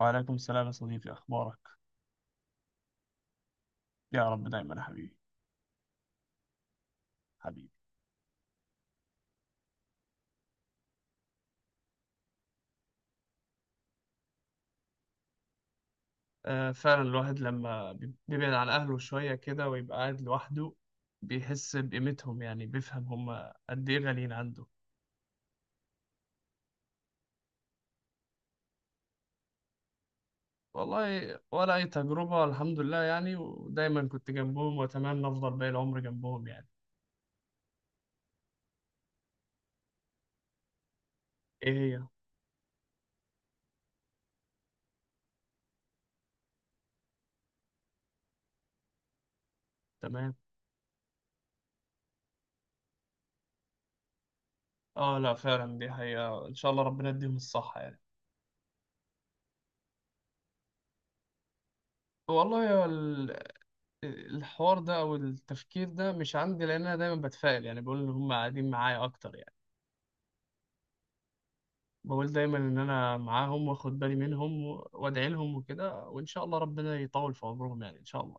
وعليكم السلام يا صديقي. أخبارك؟ يا رب دايما يا حبيبي. حبيبي. آه فعلا، الواحد لما بيبعد عن أهله شوية كده ويبقى قاعد لوحده، بيحس بقيمتهم. يعني بيفهم هم قد إيه غاليين عنده. والله ولا أي تجربة، الحمد لله يعني، ودايما كنت جنبهم وأتمنى أفضل باقي العمر جنبهم يعني. إيه. هي. تمام. آه لا، فعلا دي حقيقة، إن شاء الله ربنا يديهم الصحة يعني. والله، الحوار ده أو التفكير ده مش عندي، لأن أنا دايما بتفائل، يعني بقول إن هم قاعدين معايا أكتر يعني. بقول دايما ان انا معاهم واخد بالي منهم وادعي لهم وكده، وان شاء الله ربنا يطول في عمرهم يعني، ان شاء الله.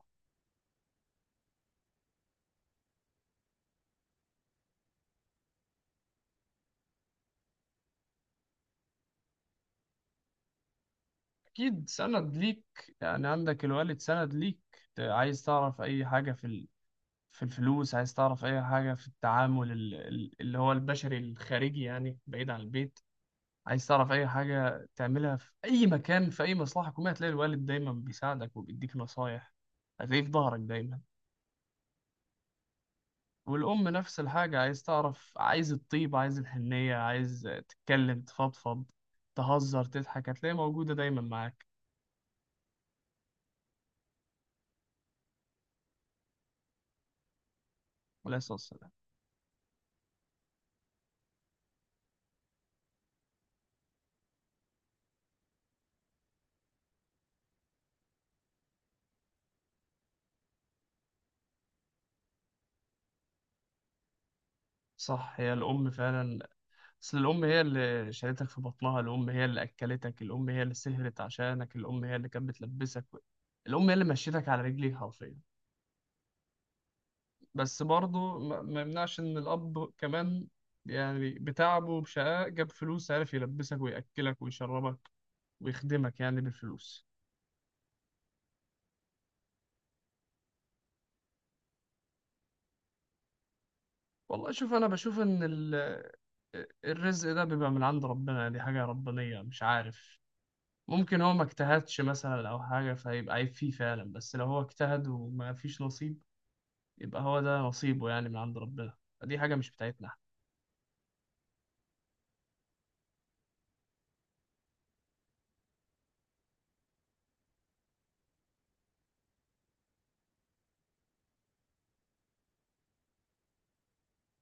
اكيد سند ليك، يعني عندك الوالد سند ليك. عايز تعرف اي حاجة في في الفلوس، عايز تعرف اي حاجة في التعامل اللي هو البشري الخارجي يعني، بعيد عن البيت. عايز تعرف اي حاجة تعملها في اي مكان في اي مصلحة حكومية، هتلاقي الوالد دايما بيساعدك وبيديك نصايح. هتلاقيه في ظهرك دايما. والأم نفس الحاجة، عايز تعرف، عايز الطيبة، عايز الحنية، عايز تتكلم تفضفض، تهزر تضحك، هتلاقيها موجودة دايما معاك. عليه الصلاة والسلام. صح، هي الأم فعلا. أصل الأم هي اللي شالتك في بطنها، الأم هي اللي أكلتك، الأم هي اللي سهرت عشانك، الأم هي اللي كانت بتلبسك، الأم هي اللي مشيتك على رجليك حرفيا. بس برضه ما يمنعش إن الأب كمان، يعني بتعبه وبشقاء جاب فلوس، عارف يلبسك ويأكلك ويشربك ويخدمك يعني بالفلوس. والله شوف، انا بشوف ان الرزق ده بيبقى من عند ربنا، دي حاجة ربانية، مش عارف، ممكن هو ما اجتهدش مثلا او حاجة فيبقى عيب فيه فعلا، بس لو هو اجتهد وما فيش نصيب يبقى هو ده نصيبه يعني، من عند ربنا، دي حاجة مش بتاعتنا احنا.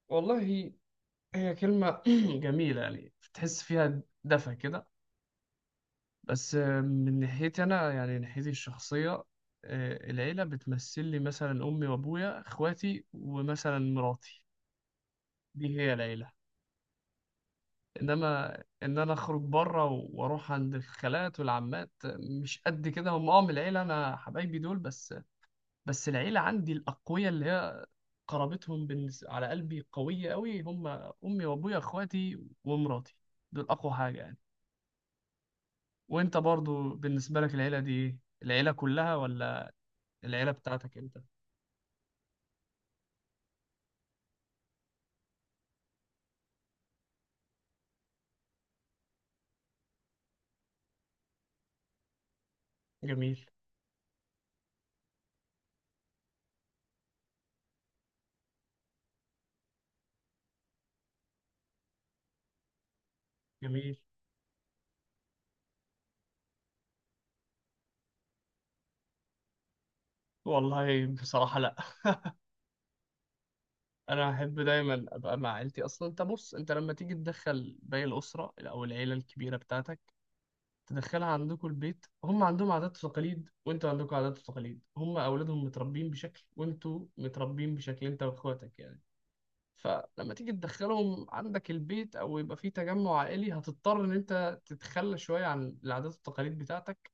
والله هي كلمة جميلة، يعني تحس فيها دفى كده. بس من ناحيتي انا يعني، ناحيتي الشخصية، آه، العيلة بتمثل لي مثلا امي وابويا اخواتي ومثلا مراتي. دي هي العيلة. انما ان انا اخرج بره واروح عند الخالات والعمات، مش قد كده هم من العيله. انا حبايبي دول بس. بس العيله عندي الاقوياء، اللي هي قرابتهم على قلبي قويه قوي، هم امي وابويا اخواتي ومراتي. دول اقوى حاجه يعني. وانت برضو بالنسبه لك، العيله دي ايه؟ العيله كلها ولا العيله بتاعتك انت؟ جميل. جميل، والله بصراحة لا، أنا أحب دايما أبقى مع عيلتي. أصلا أنت بص، أنت لما تيجي تدخل باقي الأسرة أو العيلة الكبيرة بتاعتك، تدخلها عندكم البيت، هم عندهم عادات وتقاليد، وانتوا عندكم عادات وتقاليد، هم اولادهم متربيين بشكل وانتوا متربيين بشكل انت واخواتك يعني. فلما تيجي تدخلهم عندك البيت او يبقى في تجمع عائلي، هتضطر ان انت تتخلى شويه عن العادات والتقاليد بتاعتك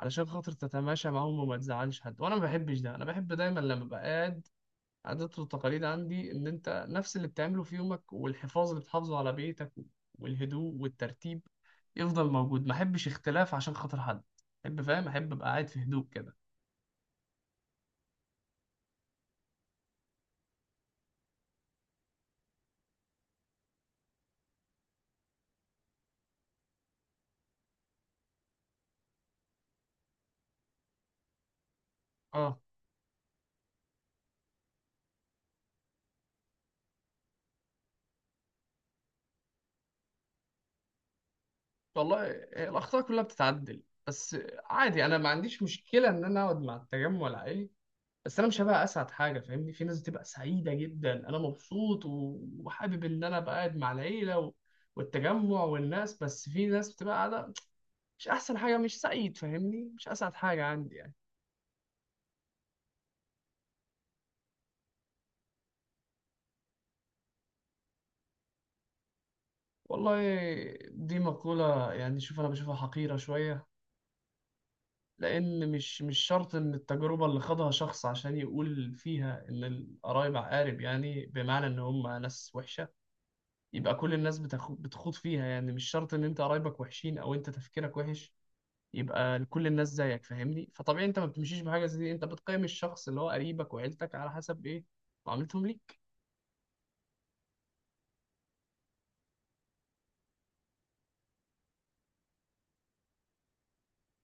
علشان خاطر تتماشى معاهم وما تزعلش حد. وانا ما بحبش ده، انا بحب دايما لما بقعد، عادات والتقاليد عندي إن أنت نفس اللي بتعمله في يومك، والحفاظ اللي بتحافظه على بيتك والهدوء والترتيب يفضل موجود، ما أحبش اختلاف عشان خاطر حد. أحب، فاهم، أحب أبقى قاعد في هدوء كده. أه. والله هي الأخطاء كلها بتتعدل، بس عادي، أنا ما عنديش مشكلة إن أنا أقعد مع التجمع العائلي، بس أنا مش هبقى أسعد حاجة فاهمني. في ناس بتبقى سعيدة جدا، أنا مبسوط وحابب إن أنا أبقى قاعد مع العيلة و... والتجمع والناس، بس في ناس بتبقى قاعدة مش احسن حاجه، مش سعيد فاهمني، مش اسعد حاجه عندي يعني. والله دي مقوله يعني، شوف انا بشوفها حقيره شويه، لان مش شرط ان التجربه اللي خاضها شخص عشان يقول فيها ان القرايب عقارب، يعني بمعنى ان هم ناس وحشه، يبقى كل الناس بتخوض فيها. يعني مش شرط ان انت قرايبك وحشين او انت تفكيرك وحش يبقى كل الناس زيك فاهمني. فطبيعي انت ما بتمشيش بحاجه زي دي، انت بتقيم الشخص اللي هو قريبك وعيلتك على حسب ايه، معاملتهم ليك.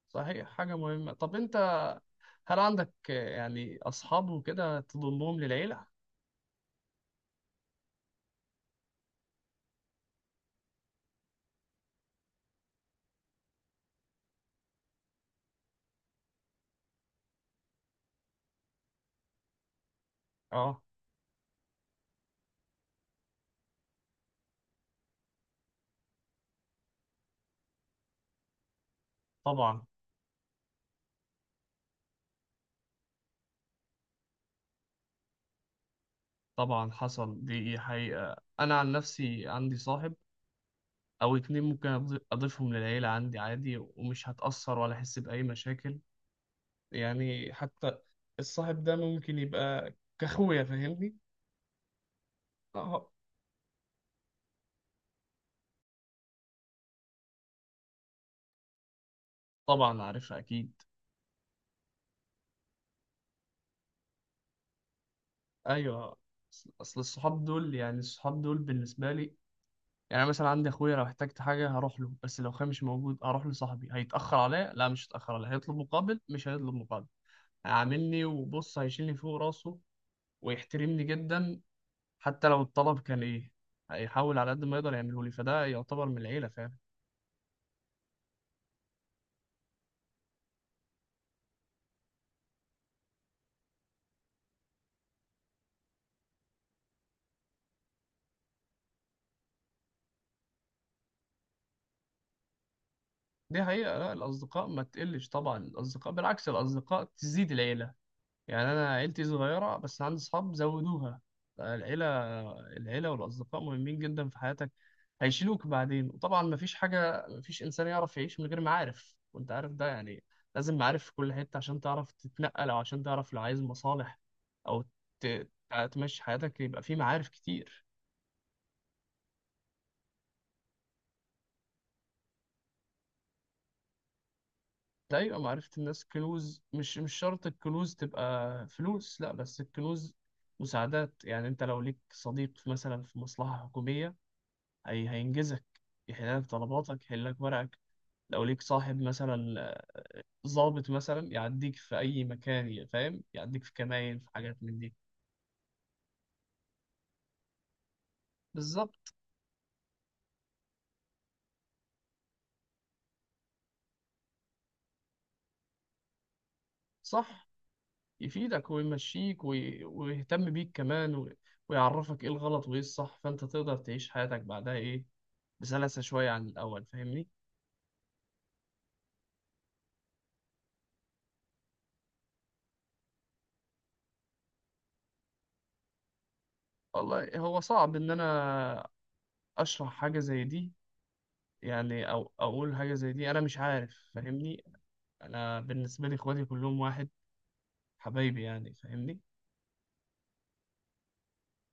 صحيح، حاجه مهمه. طب انت، هل عندك يعني أصحاب وكده تضمهم للعيلة؟ آه. طبعا. طبعا حصل، دي حقيقة، أنا عن نفسي عندي صاحب أو اتنين ممكن أضيفهم للعيلة عندي عادي ومش هتأثر ولا أحس بأي مشاكل يعني. حتى الصاحب ده ممكن يبقى كأخويا فاهمني؟ آه. طبعا عارفها أكيد. أيوه. أصل الصحاب دول يعني، الصحاب دول بالنسبة لي، يعني أنا مثلا عندي اخويا، لو احتجت حاجه هروح له، بس لو اخويا مش موجود اروح لصاحبي. هيتاخر عليا؟ لا، مش هيتاخر عليا. هيطلب مقابل؟ مش هيطلب مقابل. هيعاملني وبص، هيشيلني فوق راسه ويحترمني جدا. حتى لو الطلب كان ايه، هيحاول على قد ما يقدر يعمله لي، فده يعتبر من العيله فعلا. دي حقيقه، لا الاصدقاء ما تقلش طبعا، الاصدقاء بالعكس، الاصدقاء تزيد العيله، يعني انا عيلتي صغيره بس عندي اصحاب زودوها العيله. العيله والاصدقاء مهمين جدا في حياتك، هيشيلوك بعدين. وطبعا مفيش حاجه، مفيش انسان يعرف يعيش من غير معارف وانت عارف ده يعني. لازم معارف في كل حته عشان تعرف تتنقل، او عشان تعرف لو عايز مصالح، او ت- تمشي حياتك، يبقى في معارف كتير. ده يبقى معرفة الناس كنوز. مش شرط الكنوز تبقى فلوس، لا بس الكنوز مساعدات. يعني انت لو ليك صديق مثلا في مصلحة حكومية، هينجزك، يحل لك طلباتك، يحل لك ورقك. لو ليك صاحب مثلا ضابط مثلا يعديك في أي مكان، فاهم، يعديك في كمائن، في حاجات من دي. بالظبط. صح. يفيدك ويمشيك ويهتم بيك كمان، ويعرفك إيه الغلط وإيه الصح، فأنت تقدر تعيش حياتك بعدها إيه، بسلاسة شوية عن الأول فاهمني. والله هو صعب إن أنا أشرح حاجة زي دي، يعني أو أقول حاجة زي دي، أنا مش عارف فاهمني. أنا بالنسبة لي إخواتي كلهم واحد، حبايبي يعني فاهمني.